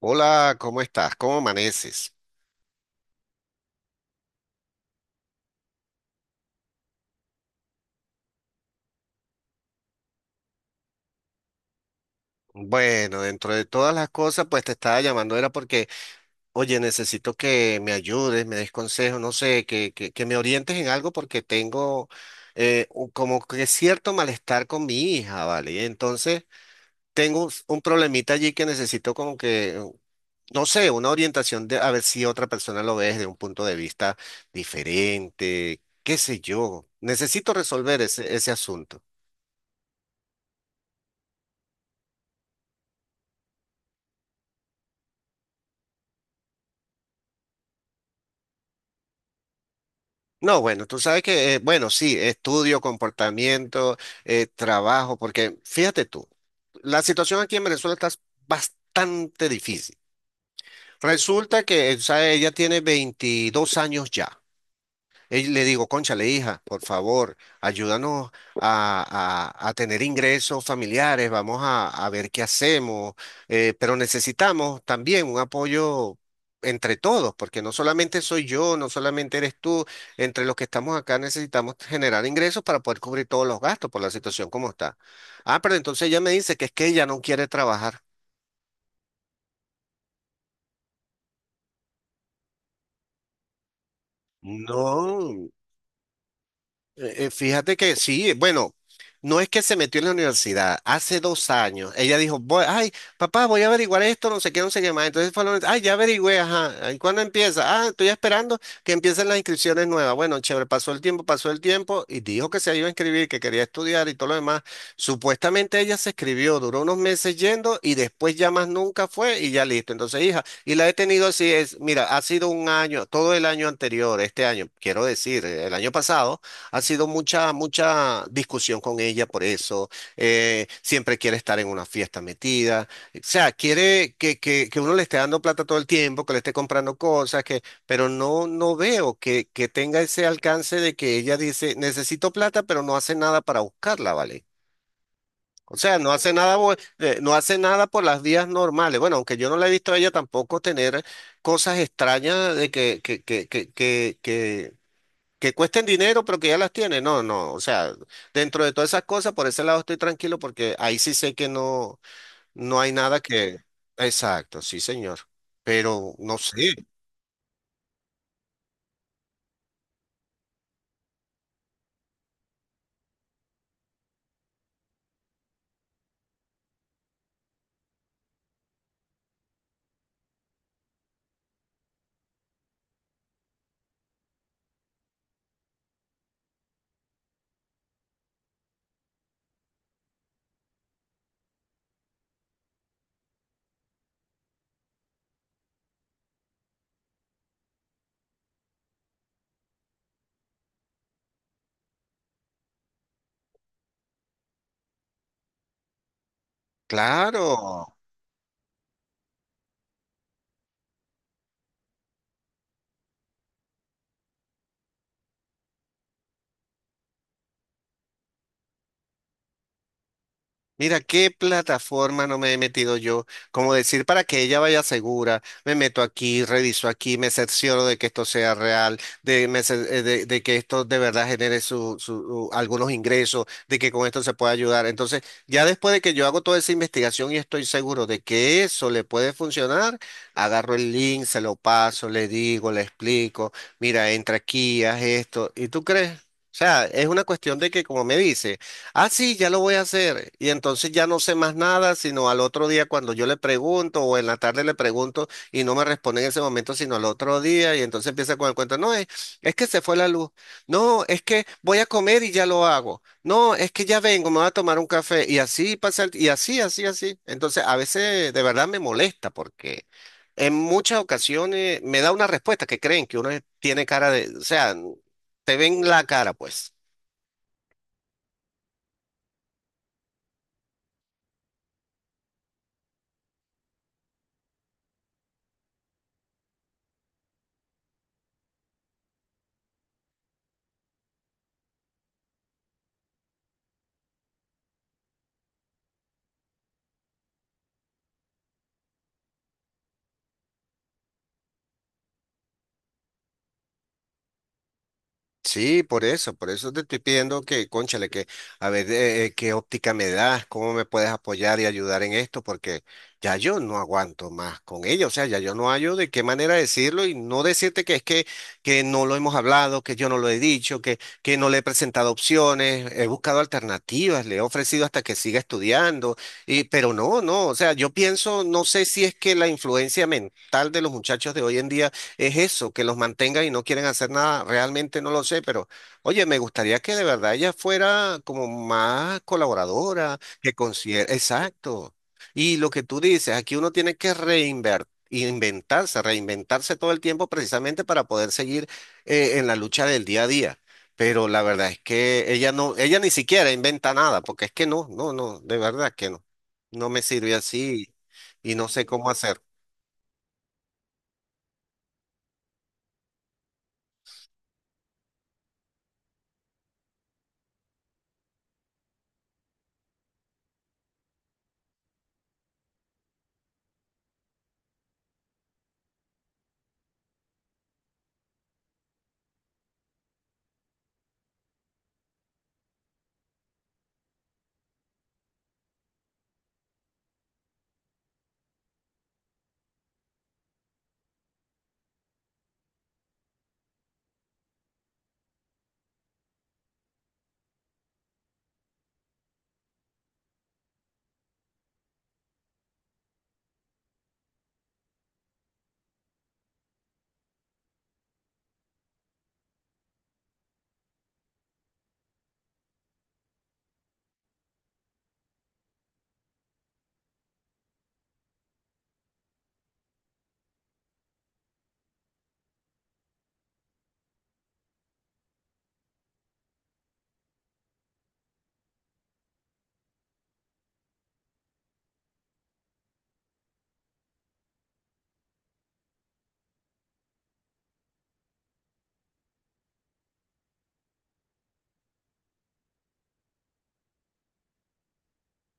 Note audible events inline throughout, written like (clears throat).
Hola, ¿cómo estás? ¿Cómo amaneces? Bueno, dentro de todas las cosas, pues te estaba llamando, era porque, oye, necesito que me ayudes, me des consejos, no sé, que me orientes en algo porque tengo como que cierto malestar con mi hija, ¿vale? Y entonces, tengo un problemita allí que necesito como que, no sé, una orientación de a ver si otra persona lo ve desde un punto de vista diferente, qué sé yo. Necesito resolver ese asunto. No, bueno, tú sabes que, bueno, sí, estudio, comportamiento, trabajo, porque fíjate tú, la situación aquí en Venezuela está bastante difícil. Resulta que, o sea, ella tiene 22 años ya. Ey, le digo, cónchale, hija, por favor, ayúdanos a tener ingresos familiares, vamos a ver qué hacemos, pero necesitamos también un apoyo entre todos, porque no solamente soy yo, no solamente eres tú, entre los que estamos acá necesitamos generar ingresos para poder cubrir todos los gastos por la situación como está. Ah, pero entonces ella me dice que es que ella no quiere trabajar. No. Fíjate que sí, bueno, no es que se metió en la universidad, hace 2 años, ella dijo, voy, ay, papá, voy a averiguar esto, no sé qué, no sé qué más, entonces fue, ay, ya averigüé, ajá, ¿y cuándo empieza? Ah, estoy esperando que empiecen las inscripciones nuevas, bueno, chévere, pasó el tiempo, y dijo que se iba a inscribir, que quería estudiar y todo lo demás, supuestamente ella se escribió, duró unos meses yendo, y después ya más nunca fue, y ya listo, entonces, hija, y la he tenido así, es, mira, ha sido un año, todo el año anterior, este año, quiero decir, el año pasado, ha sido mucha, mucha discusión con ella por eso. Siempre quiere estar en una fiesta metida. O sea, quiere que uno le esté dando plata todo el tiempo, que le esté comprando cosas, que, pero no, no veo que tenga ese alcance de que ella dice, necesito plata, pero no hace nada para buscarla, ¿vale? O sea, no hace nada, no hace nada por las vías normales. Bueno, aunque yo no la he visto a ella tampoco tener cosas extrañas de que cuesten dinero, pero que ya las tiene. No, no. O sea, dentro de todas esas cosas, por ese lado estoy tranquilo porque ahí sí sé que no, no hay nada que. Exacto, sí, señor. Pero no sé. Claro. Mira, qué plataforma no me he metido yo. Como decir, para que ella vaya segura, me meto aquí, reviso aquí, me cercioro de que esto sea real, de que esto de verdad genere algunos ingresos, de que con esto se pueda ayudar. Entonces, ya después de que yo hago toda esa investigación y estoy seguro de que eso le puede funcionar, agarro el link, se lo paso, le digo, le explico, mira, entra aquí, haz esto. ¿Y tú crees? O sea, es una cuestión de que, como me dice. Ah, sí, ya lo voy a hacer. Y entonces ya no sé más nada, sino al otro día cuando yo le pregunto o en la tarde le pregunto y no me responde en ese momento, sino al otro día. Y entonces empieza con el cuento, no, es que se fue la luz. No, es que voy a comer y ya lo hago. No, es que ya vengo, me voy a tomar un café. Y así pasa, y así, así, así. Entonces a veces de verdad me molesta porque en muchas ocasiones me da una respuesta que creen que uno tiene cara de, o sea, te ven la cara, pues. Sí, por eso te estoy pidiendo que, cónchale, que a ver qué óptica me das, cómo me puedes apoyar y ayudar en esto, porque ya yo no aguanto más con ella, o sea, ya yo no hallo de qué manera decirlo y no decirte que es que no lo hemos hablado, que yo no lo he dicho, que no le he presentado opciones, he buscado alternativas, le he ofrecido hasta que siga estudiando, pero no, no, o sea, yo pienso, no sé si es que la influencia mental de los muchachos de hoy en día es eso, que los mantenga y no quieren hacer nada. Realmente no lo sé, pero oye, me gustaría que de verdad ella fuera como más colaboradora, que considere, exacto. Y lo que tú dices, aquí uno tiene que reinventarse todo el tiempo precisamente para poder seguir en la lucha del día a día. Pero la verdad es que ella no, ella ni siquiera inventa nada, porque es que no, no, no, de verdad que no. No me sirve así y no sé cómo hacer.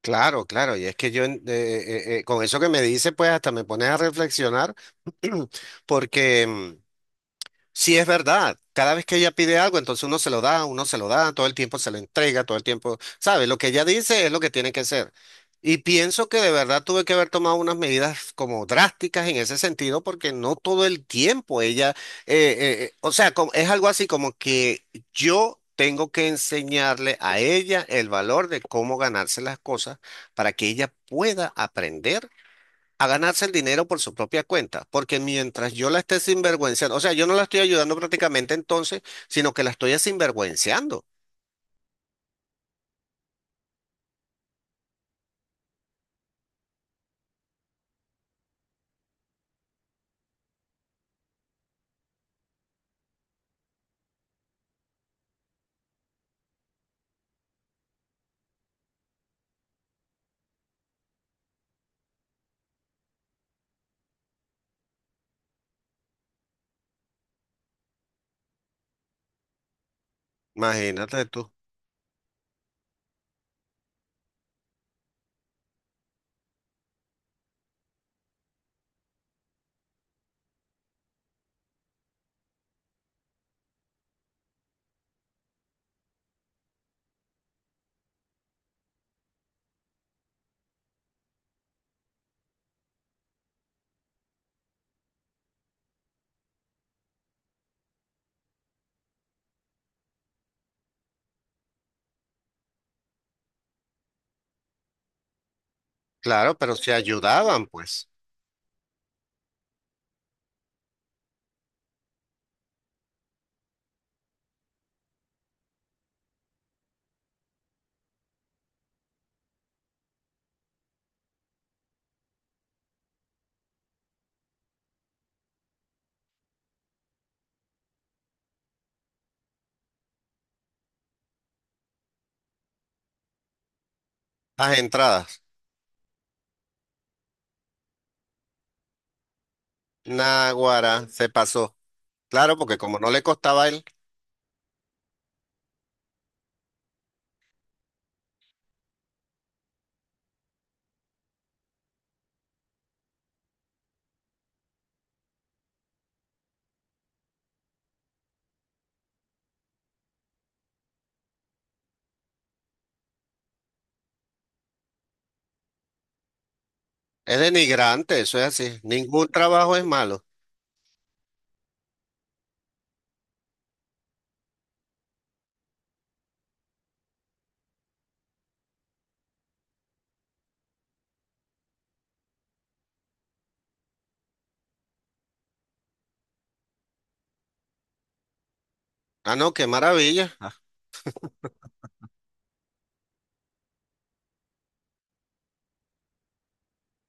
Claro, claro, y es que yo con eso que me dice, pues hasta me pones a reflexionar. (clears throat) porque mm, Sí, es verdad. Cada vez que ella pide algo, entonces uno se lo da, uno se lo da, todo el tiempo se lo entrega, todo el tiempo, ¿sabe? Lo que ella dice es lo que tiene que ser. Y pienso que de verdad tuve que haber tomado unas medidas como drásticas en ese sentido, porque no todo el tiempo ella, o sea, es algo así como que yo tengo que enseñarle a ella el valor de cómo ganarse las cosas para que ella pueda aprender a ganarse el dinero por su propia cuenta, porque mientras yo la esté sinvergüenciando, o sea, yo no la estoy ayudando prácticamente entonces, sino que la estoy sinvergüenciando. Imagínate tú. Claro, pero si ayudaban, pues. Las entradas. Naguará, se pasó. Claro, porque como no le costaba a él, es denigrante, eso es así. Ningún trabajo es malo. Ah, no, qué maravilla.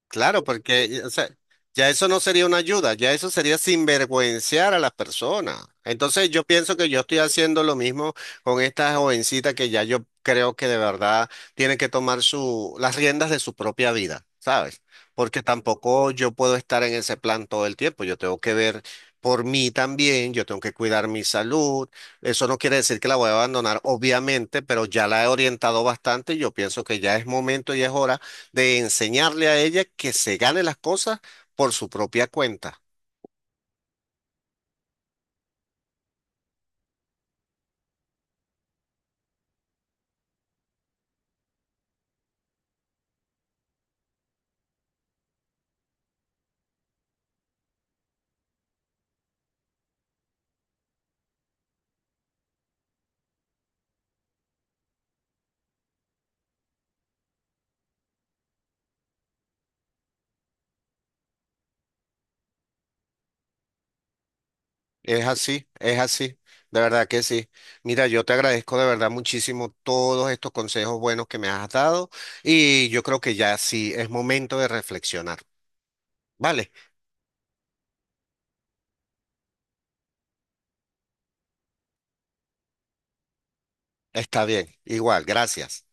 Claro, porque o sea, ya eso no sería una ayuda, ya eso sería sinvergüenciar a las personas. Entonces yo pienso que yo estoy haciendo lo mismo con esta jovencita que ya yo creo que de verdad tiene que tomar su, las riendas de su propia vida, ¿sabes? Porque tampoco yo puedo estar en ese plan todo el tiempo, yo tengo que ver por mí también, yo tengo que cuidar mi salud. Eso no quiere decir que la voy a abandonar, obviamente, pero ya la he orientado bastante y yo pienso que ya es momento y es hora de enseñarle a ella que se gane las cosas por su propia cuenta. Es así, de verdad que sí. Mira, yo te agradezco de verdad muchísimo todos estos consejos buenos que me has dado y yo creo que ya sí es momento de reflexionar. Vale, está bien, igual, gracias.